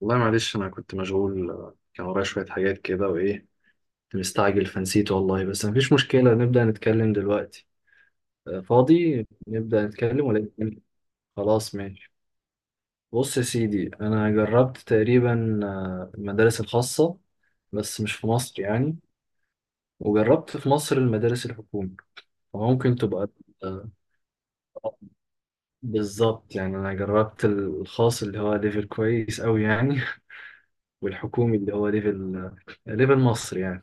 والله معلش انا كنت مشغول كان ورايا شويه حاجات كده وايه كنت مستعجل فنسيت والله. بس مفيش مشكله، نبدا نتكلم دلوقتي. فاضي نبدا نتكلم ولا نتكلم؟ خلاص ماشي. بص يا سيدي، انا جربت تقريبا المدارس الخاصه، بس مش في مصر يعني. وجربت في مصر المدارس الحكومي، فممكن تبقى آه، بالظبط. يعني انا جربت الخاص اللي هو ليفل كويس قوي يعني. والحكومي اللي هو ليفل مصر يعني.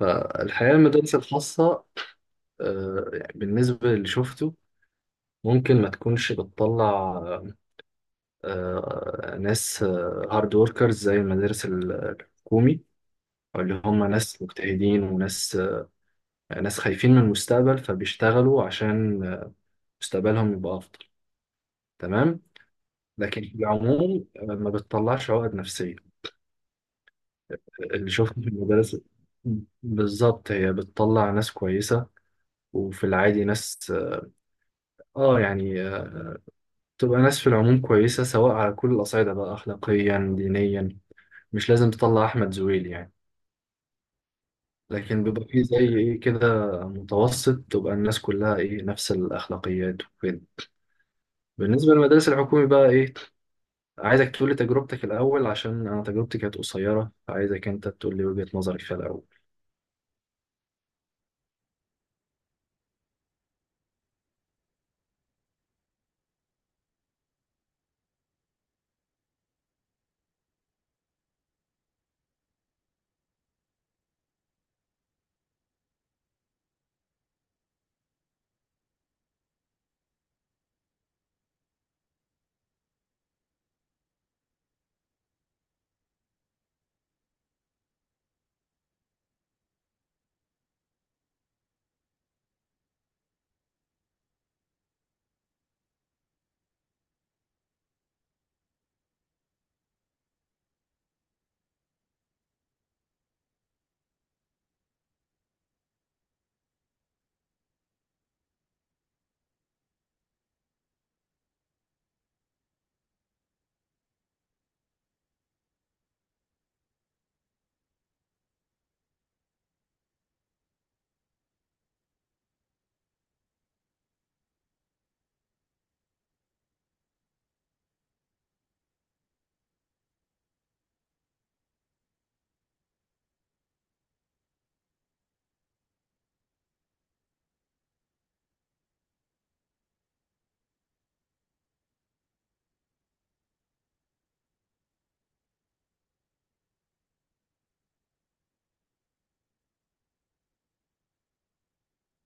فالحياة المدارس الخاصة، يعني بالنسبة للي شفته، ممكن ما تكونش بتطلع ناس هارد وركرز زي المدارس الحكومي، أو اللي هم ناس مجتهدين وناس ناس خايفين من المستقبل، فبيشتغلوا عشان مستقبلهم يبقى أفضل، تمام. لكن في العموم ما بتطلعش عقد نفسية اللي شفته في المدارس. بالظبط هي بتطلع ناس كويسة، وفي العادي ناس، اه يعني تبقى ناس في العموم كويسة، سواء على كل الأصعدة بقى، أخلاقيا دينيا. مش لازم تطلع أحمد زويل يعني، لكن بيبقى فيه زي إيه كده متوسط، تبقى الناس كلها إيه نفس الأخلاقيات وكده. بالنسبة للمدارس الحكومي بقى إيه، عايزك تقولي تجربتك الأول، عشان أنا تجربتي كانت قصيرة، فعايزك أنت تقولي وجهة نظرك فيها الأول.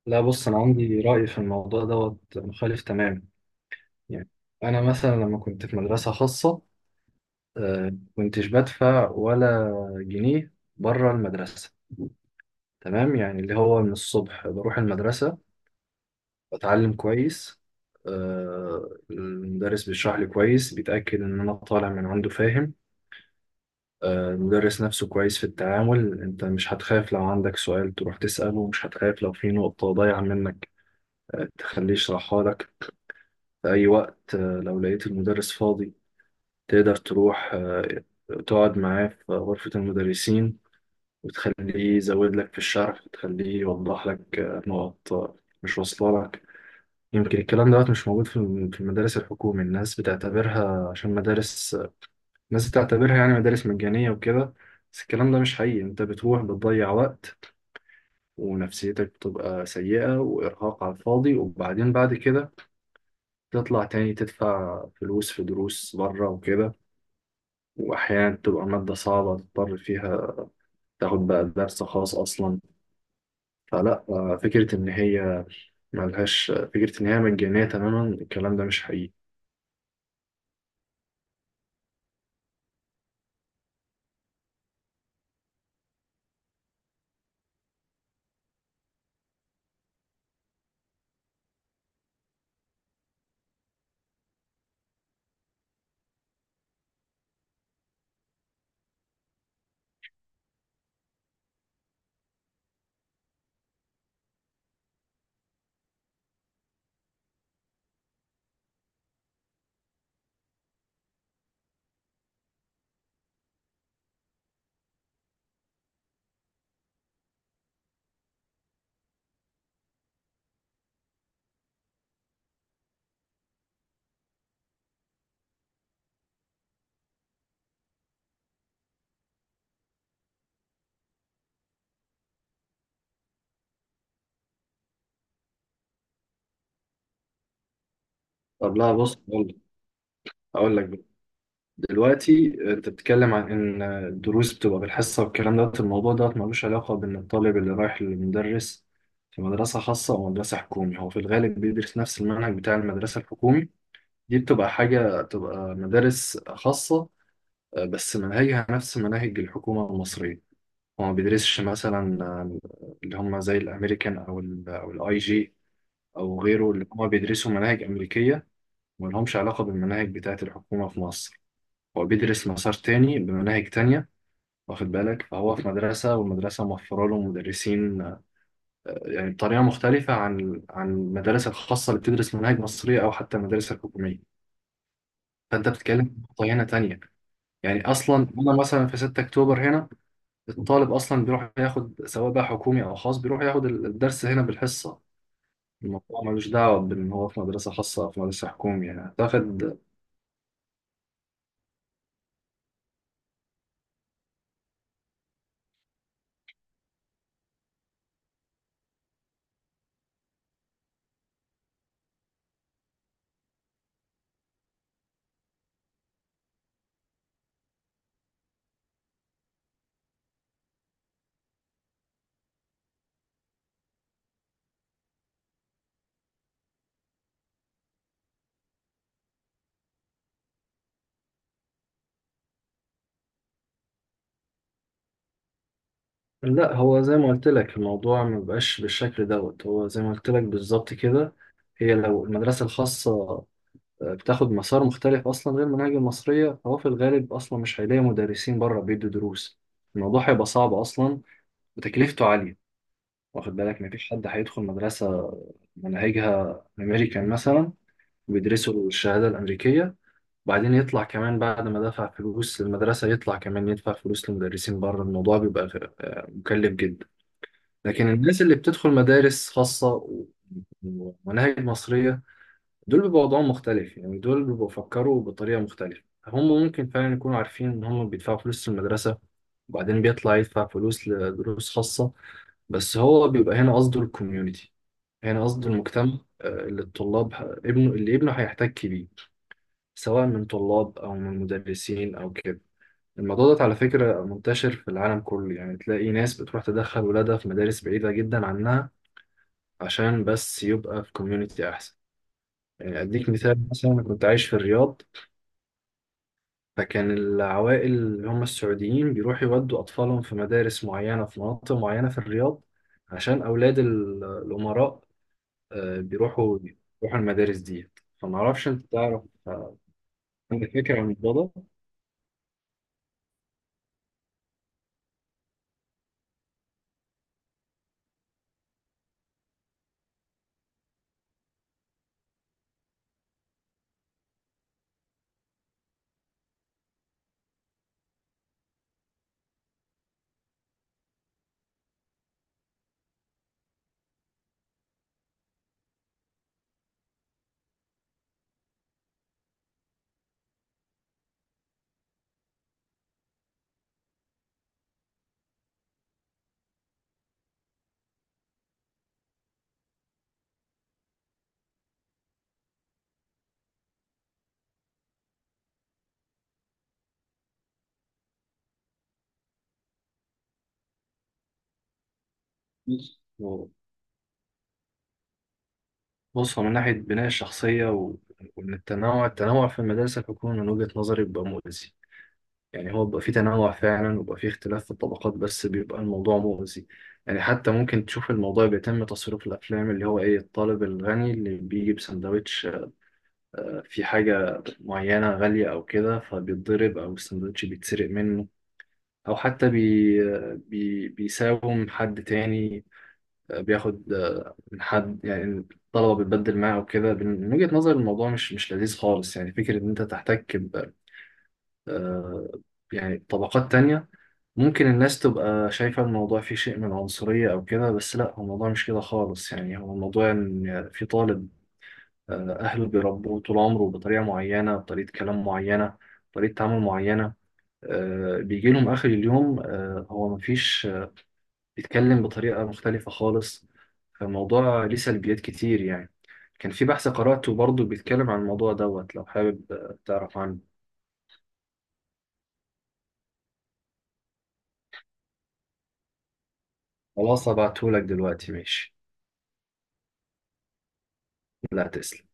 لا بص، أنا عندي رأي في الموضوع دوت مخالف تماما. يعني أنا مثلا لما كنت في مدرسة خاصة، كنتش بدفع ولا جنيه بره المدرسة. تمام؟ يعني اللي هو من الصبح بروح المدرسة، بتعلم كويس، المدرس بيشرح لي كويس، بيتأكد إن أنا طالع من عنده فاهم. المدرس نفسه كويس في التعامل، أنت مش هتخاف لو عندك سؤال تروح تسأله، مش هتخاف لو في نقطة ضايعة منك تخليه يشرحها لك. في أي وقت لو لقيت المدرس فاضي، تقدر تروح تقعد معاه في غرفة المدرسين، وتخليه يزود لك في الشرح، وتخليه يوضح لك نقط مش واصلة لك. يمكن الكلام دوت مش موجود في في المدارس الحكومي، الناس بتعتبرها عشان مدارس، الناس بتعتبرها يعني مدارس مجانية وكده. بس الكلام ده مش حقيقي، انت بتروح بتضيع وقت، ونفسيتك بتبقى سيئة، وإرهاق على الفاضي، وبعدين بعد كده تطلع تاني تدفع فلوس في دروس بره وكده، وأحيانا تبقى مادة صعبة تضطر فيها تاخد بقى درس خاص أصلا. فلا فكرة إن هي ملهاش، فكرة إن هي مجانية تماما الكلام ده مش حقيقي. طب لا بص، أقول لك دلوقتي، انت بتتكلم عن ان الدروس بتبقى بالحصه، والكلام دوت الموضوع دوت ملوش علاقه بان الطالب اللي رايح للمدرس في مدرسه خاصه او مدرسه حكومي، هو في الغالب بيدرس نفس المنهج بتاع المدرسه الحكومي. دي بتبقى حاجه، بتبقى مدارس خاصه بس مناهجها نفس مناهج الحكومه المصريه. هو ما بيدرسش مثلا اللي هم زي الامريكان او الاي جي او غيره، اللي هم بيدرسوا مناهج امريكيه ما لهمش علاقه بالمناهج بتاعه الحكومه في مصر. هو بيدرس مسار تاني بمناهج تانية، واخد بالك، فهو في مدرسة، والمدرسة موفرة له مدرسين يعني بطريقة مختلفة عن المدارس الخاصة اللي بتدرس مناهج مصرية، أو حتى المدارس الحكومية. فأنت بتتكلم في خطة هنا تانية، يعني أصلا أنا مثلا في 6 أكتوبر هنا الطالب أصلا بيروح ياخد، سواء بقى حكومي أو خاص، بيروح ياخد الدرس هنا بالحصة. الموضوع ملوش دعوة بإن هو في مدرسة خاصة أو في مدرسة حكومية، يعني هتاخد. لا هو زي ما قلت لك، الموضوع ما بقاش بالشكل دوت، هو زي ما قلت لك بالظبط كده، هي لو المدرسة الخاصة بتاخد مسار مختلف أصلا غير المناهج المصرية، فهو في الغالب أصلا مش هيلاقي مدرسين بره بيدوا دروس، الموضوع هيبقى صعب أصلا وتكلفته عالية. واخد بالك، مفيش حد هيدخل مدرسة مناهجها أمريكان مثلا، بيدرسوا الشهادة الأمريكية، وبعدين يطلع كمان بعد ما دفع فلوس للمدرسة، يطلع كمان يدفع فلوس لمدرسين بره، الموضوع بيبقى مكلف جدا. لكن الناس اللي بتدخل مدارس خاصة ومناهج مصرية، دول بيبقوا وضعهم مختلف، يعني دول بيبقوا بيفكروا بطريقة مختلفة، هم ممكن فعلا يكونوا عارفين إن هم بيدفعوا فلوس للمدرسة، وبعدين بيطلع يدفع فلوس لدروس خاصة، بس هو بيبقى هنا قصده الكوميونتي، هنا قصده المجتمع اللي الطلاب ابنه هيحتك بيه، سواء من طلاب أو من مدرسين أو كده. الموضوع ده على فكرة منتشر في العالم كله، يعني تلاقي ناس بتروح تدخل ولادها في مدارس بعيدة جدا عنها، عشان بس يبقى في كوميونتي أحسن. يعني أديك مثال، مثلا أنا كنت عايش في الرياض، فكان العوائل اللي هم السعوديين بيروحوا يودوا أطفالهم في مدارس معينة في مناطق معينة في الرياض، عشان أولاد الأمراء بيروحوا، بيروحوا المدارس دي. فمعرفش أنت تعرف آه، عندك فكرة عن الموضوع ده؟ بص هو- بص، هو من ناحية بناء الشخصية وإن التنوع، التنوع في المدارس الحكومية من وجهة نظري بيبقى مؤذي. يعني هو بيبقى فيه تنوع فعلا، وبيبقى فيه اختلاف في الطبقات، بس بيبقى الموضوع مؤذي. يعني حتى ممكن تشوف الموضوع بيتم تصريف الأفلام، اللي هو إيه الطالب الغني اللي بيجي بسندوتش في حاجة معينة غالية أو كده، فبيتضرب أو السندوتش بيتسرق منه، أو حتى بي آه، بي بيساوم حد تاني بياخد من حد، يعني الطلبة بتبدل معاه وكده. من وجهة نظر الموضوع مش لذيذ خالص، يعني فكرة إن أنت تحتك ب آه، يعني طبقات تانية. ممكن الناس تبقى شايفة الموضوع فيه شيء من العنصرية أو كده، بس لا هو الموضوع مش كده خالص، يعني هو الموضوع إن في طالب أهله بيربوه طول عمره بطريقة معينة، بطريقة كلام معينة، بطريقة تعامل معينة، بيجي لهم آخر اليوم، آه، هو مفيش آه، بيتكلم بطريقة مختلفة خالص. فالموضوع ليه سلبيات كتير يعني. كان في بحث قرأته برضه بيتكلم عن الموضوع دوت، لو حابب تعرف عنه، خلاص هبعتهولك دلوقتي، ماشي. لا تسلم.